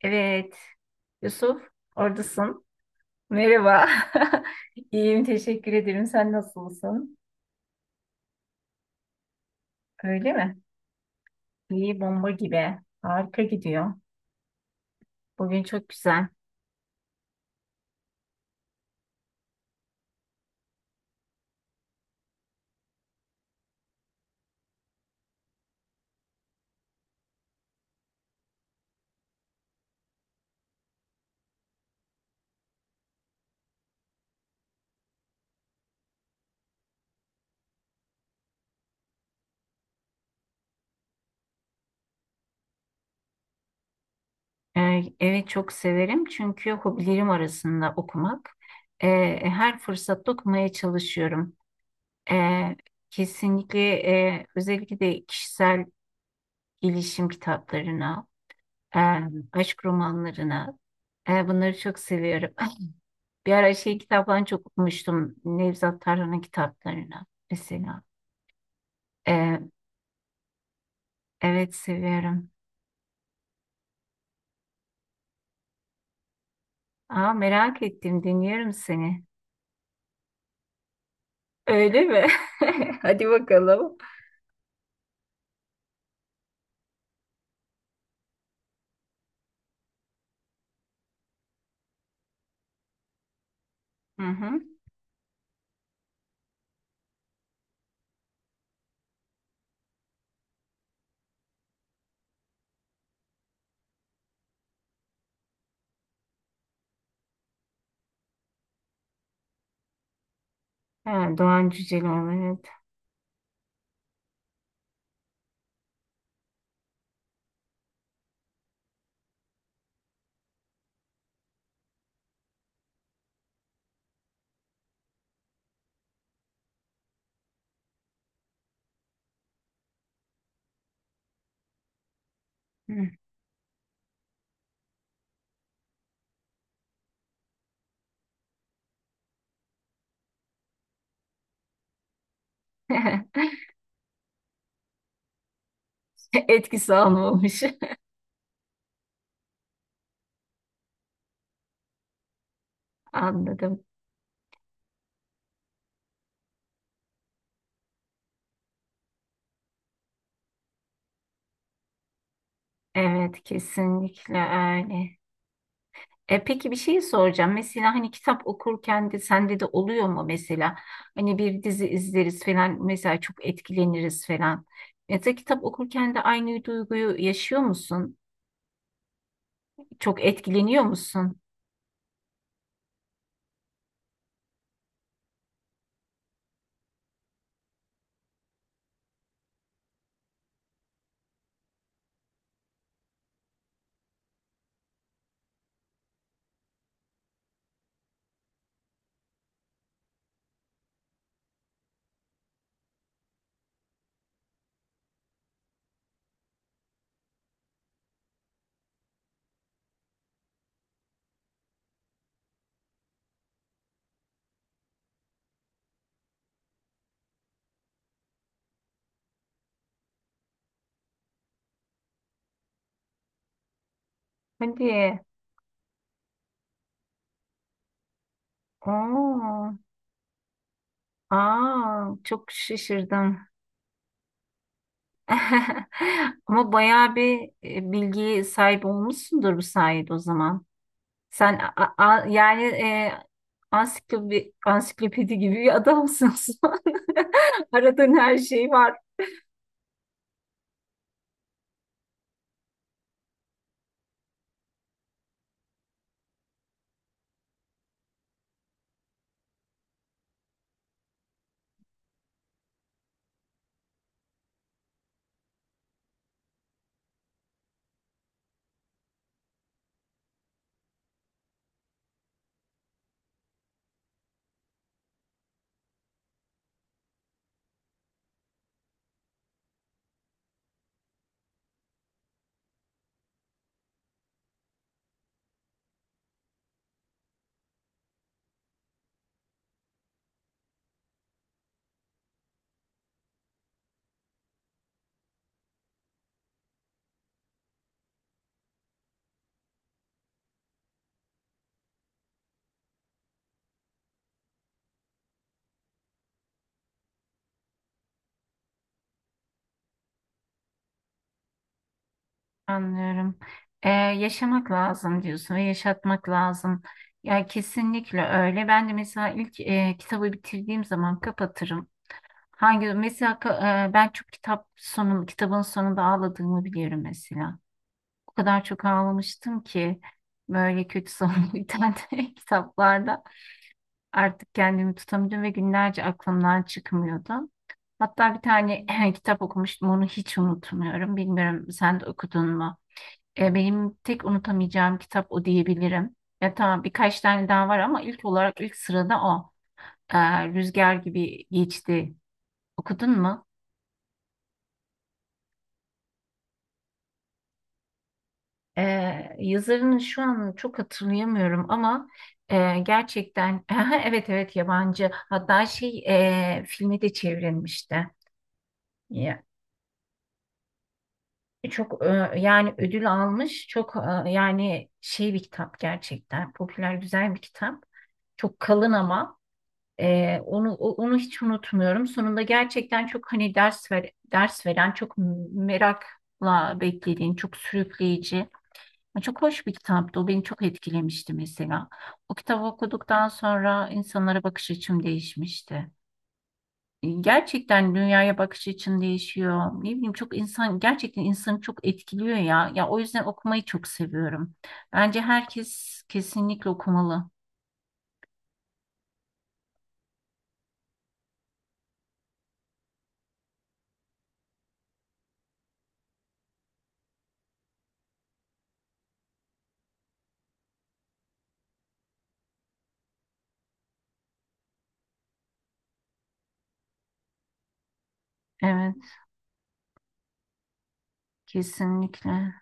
Evet. Yusuf, oradasın. Merhaba. İyiyim, teşekkür ederim. Sen nasılsın? Öyle mi? İyi, bomba gibi. Harika gidiyor. Bugün çok güzel. Evet, çok severim çünkü hobilerim arasında okumak. Her fırsatta okumaya çalışıyorum. Ee, Kesinlikle, özellikle de kişisel gelişim kitaplarına, e, aşk romanlarına, bunları çok seviyorum. Bir ara şey kitaplarını çok okumuştum. Nevzat Tarhan'ın kitaplarını mesela. Ee, evet, seviyorum. Aa, merak ettim, dinliyorum seni. Öyle mi? Hadi bakalım. Hı hı. Ha, Doğan Cüceloğlu, evet. Hı. Etkisi almamış. Anladım. Evet, kesinlikle öyle. Peki, bir şey soracağım. Mesela hani kitap okurken de sende de oluyor mu mesela? Hani bir dizi izleriz falan, mesela çok etkileniriz falan. Mesela kitap okurken de aynı duyguyu yaşıyor musun? Çok etkileniyor musun? Hadi. Oo. Aa, çok şaşırdım. Ama bayağı bir bilgiye sahip olmuşsundur bu sayede o zaman. Sen yani ansiklopedi gibi bir adamsın, Osman. Aradığın her şey var. Anlıyorum. Yaşamak lazım diyorsun ve yaşatmak lazım. Ya, kesinlikle öyle. Ben de mesela ilk kitabı bitirdiğim zaman kapatırım. Hangi mesela, ben çok kitap kitabın sonunda ağladığımı biliyorum mesela. O kadar çok ağlamıştım ki böyle kötü sonlu biten kitaplarda. Artık kendimi tutamıyordum ve günlerce aklımdan çıkmıyordu. Hatta bir tane kitap okumuştum, onu hiç unutmuyorum. Bilmiyorum, sen de okudun mu? Benim tek unutamayacağım kitap o diyebilirim. Ya tamam, birkaç tane daha var ama ilk olarak ilk sırada o. E, Rüzgar Gibi Geçti. Okudun mu? E, Yazarını şu an çok hatırlayamıyorum ama gerçekten, evet evet, yabancı. Hatta şey, filme de çevrilmişti. Ya, çok, yani ödül almış. Çok, yani şey bir kitap gerçekten. Popüler, güzel bir kitap. Çok kalın ama onu hiç unutmuyorum. Sonunda gerçekten çok hani ders veren, çok merakla beklediğin, çok sürükleyici. Çok hoş bir kitaptı. O beni çok etkilemişti mesela. O kitabı okuduktan sonra insanlara bakış açım değişmişti. Gerçekten dünyaya bakış açın değişiyor. Ne bileyim, çok insan, gerçekten insanı çok etkiliyor ya. Ya, o yüzden okumayı çok seviyorum. Bence herkes kesinlikle okumalı. Evet, kesinlikle.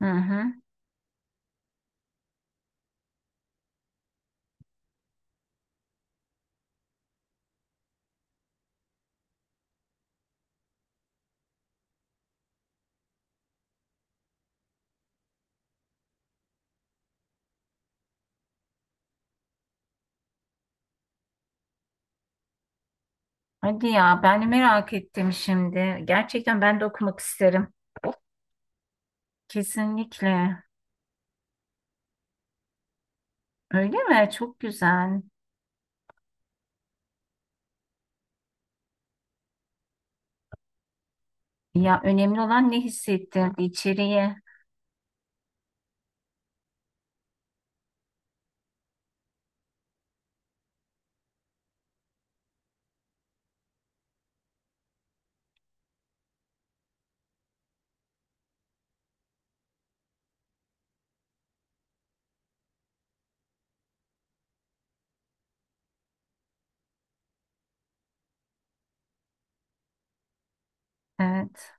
Hı hı. Hadi ya, ben de merak ettim şimdi. Gerçekten ben de okumak isterim. Kesinlikle. Öyle mi? Çok güzel. Ya, önemli olan ne hissettirdi içeriye. Evet.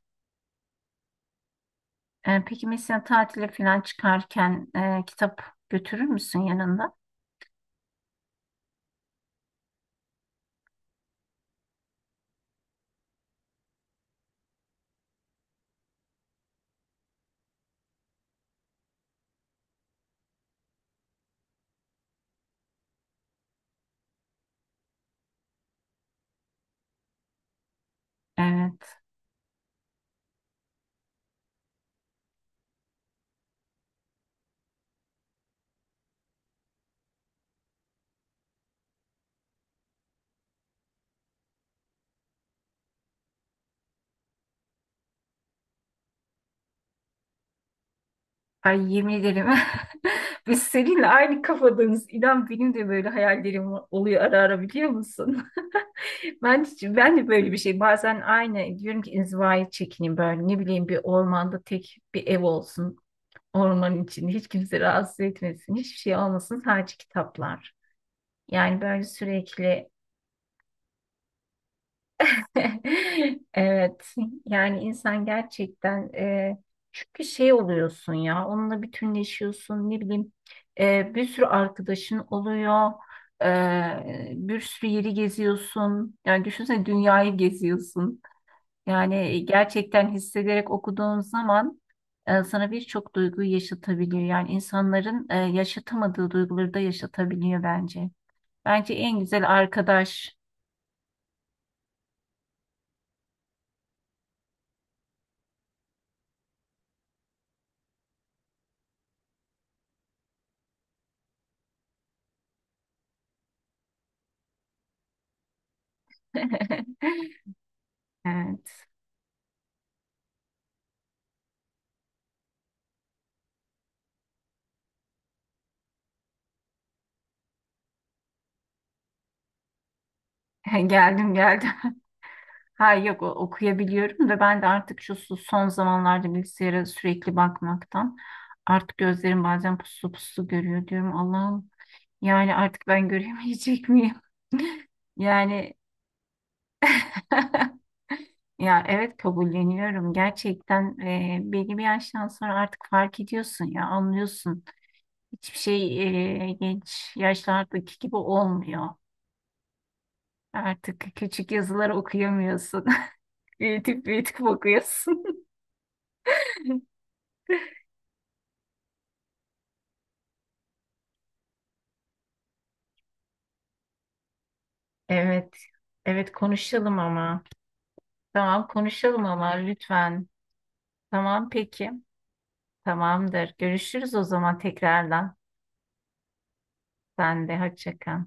Peki mesela tatile falan çıkarken kitap götürür müsün yanında? Evet. Ay, yemin ederim. Biz seninle aynı kafadayız. İnan benim de böyle hayallerim oluyor ara ara, biliyor musun? Ben de böyle bir şey. Bazen aynı diyorum ki inzivaya çekineyim böyle. Ne bileyim, bir ormanda tek bir ev olsun. Ormanın içinde hiç kimse rahatsız etmesin. Hiçbir şey olmasın, sadece kitaplar. Yani böyle sürekli. Evet, yani insan gerçekten, çünkü şey oluyorsun ya, onunla bütünleşiyorsun, ne bileyim, bir sürü arkadaşın oluyor, e, bir sürü yeri geziyorsun, yani düşünsene, dünyayı geziyorsun, yani gerçekten hissederek okuduğun zaman sana birçok duyguyu yaşatabiliyor, yani insanların yaşatamadığı duyguları da yaşatabiliyor. Bence en güzel arkadaş. Evet. Geldim, geldim. Ha, yok, okuyabiliyorum da ben de artık şu son zamanlarda bilgisayara sürekli bakmaktan artık gözlerim bazen puslu puslu görüyor, diyorum. Allah'ım, yani artık ben göremeyecek miyim? Yani ya, evet, kabulleniyorum. Gerçekten belli bir yaştan sonra artık fark ediyorsun, ya anlıyorsun. Hiçbir şey genç yaşlardaki gibi olmuyor. Artık küçük yazıları okuyamıyorsun. Büyütüp büyütüp okuyorsun. Evet. Evet, konuşalım ama. Tamam, konuşalım ama lütfen. Tamam, peki. Tamamdır. Görüşürüz o zaman tekrardan. Sen de hoşça kal.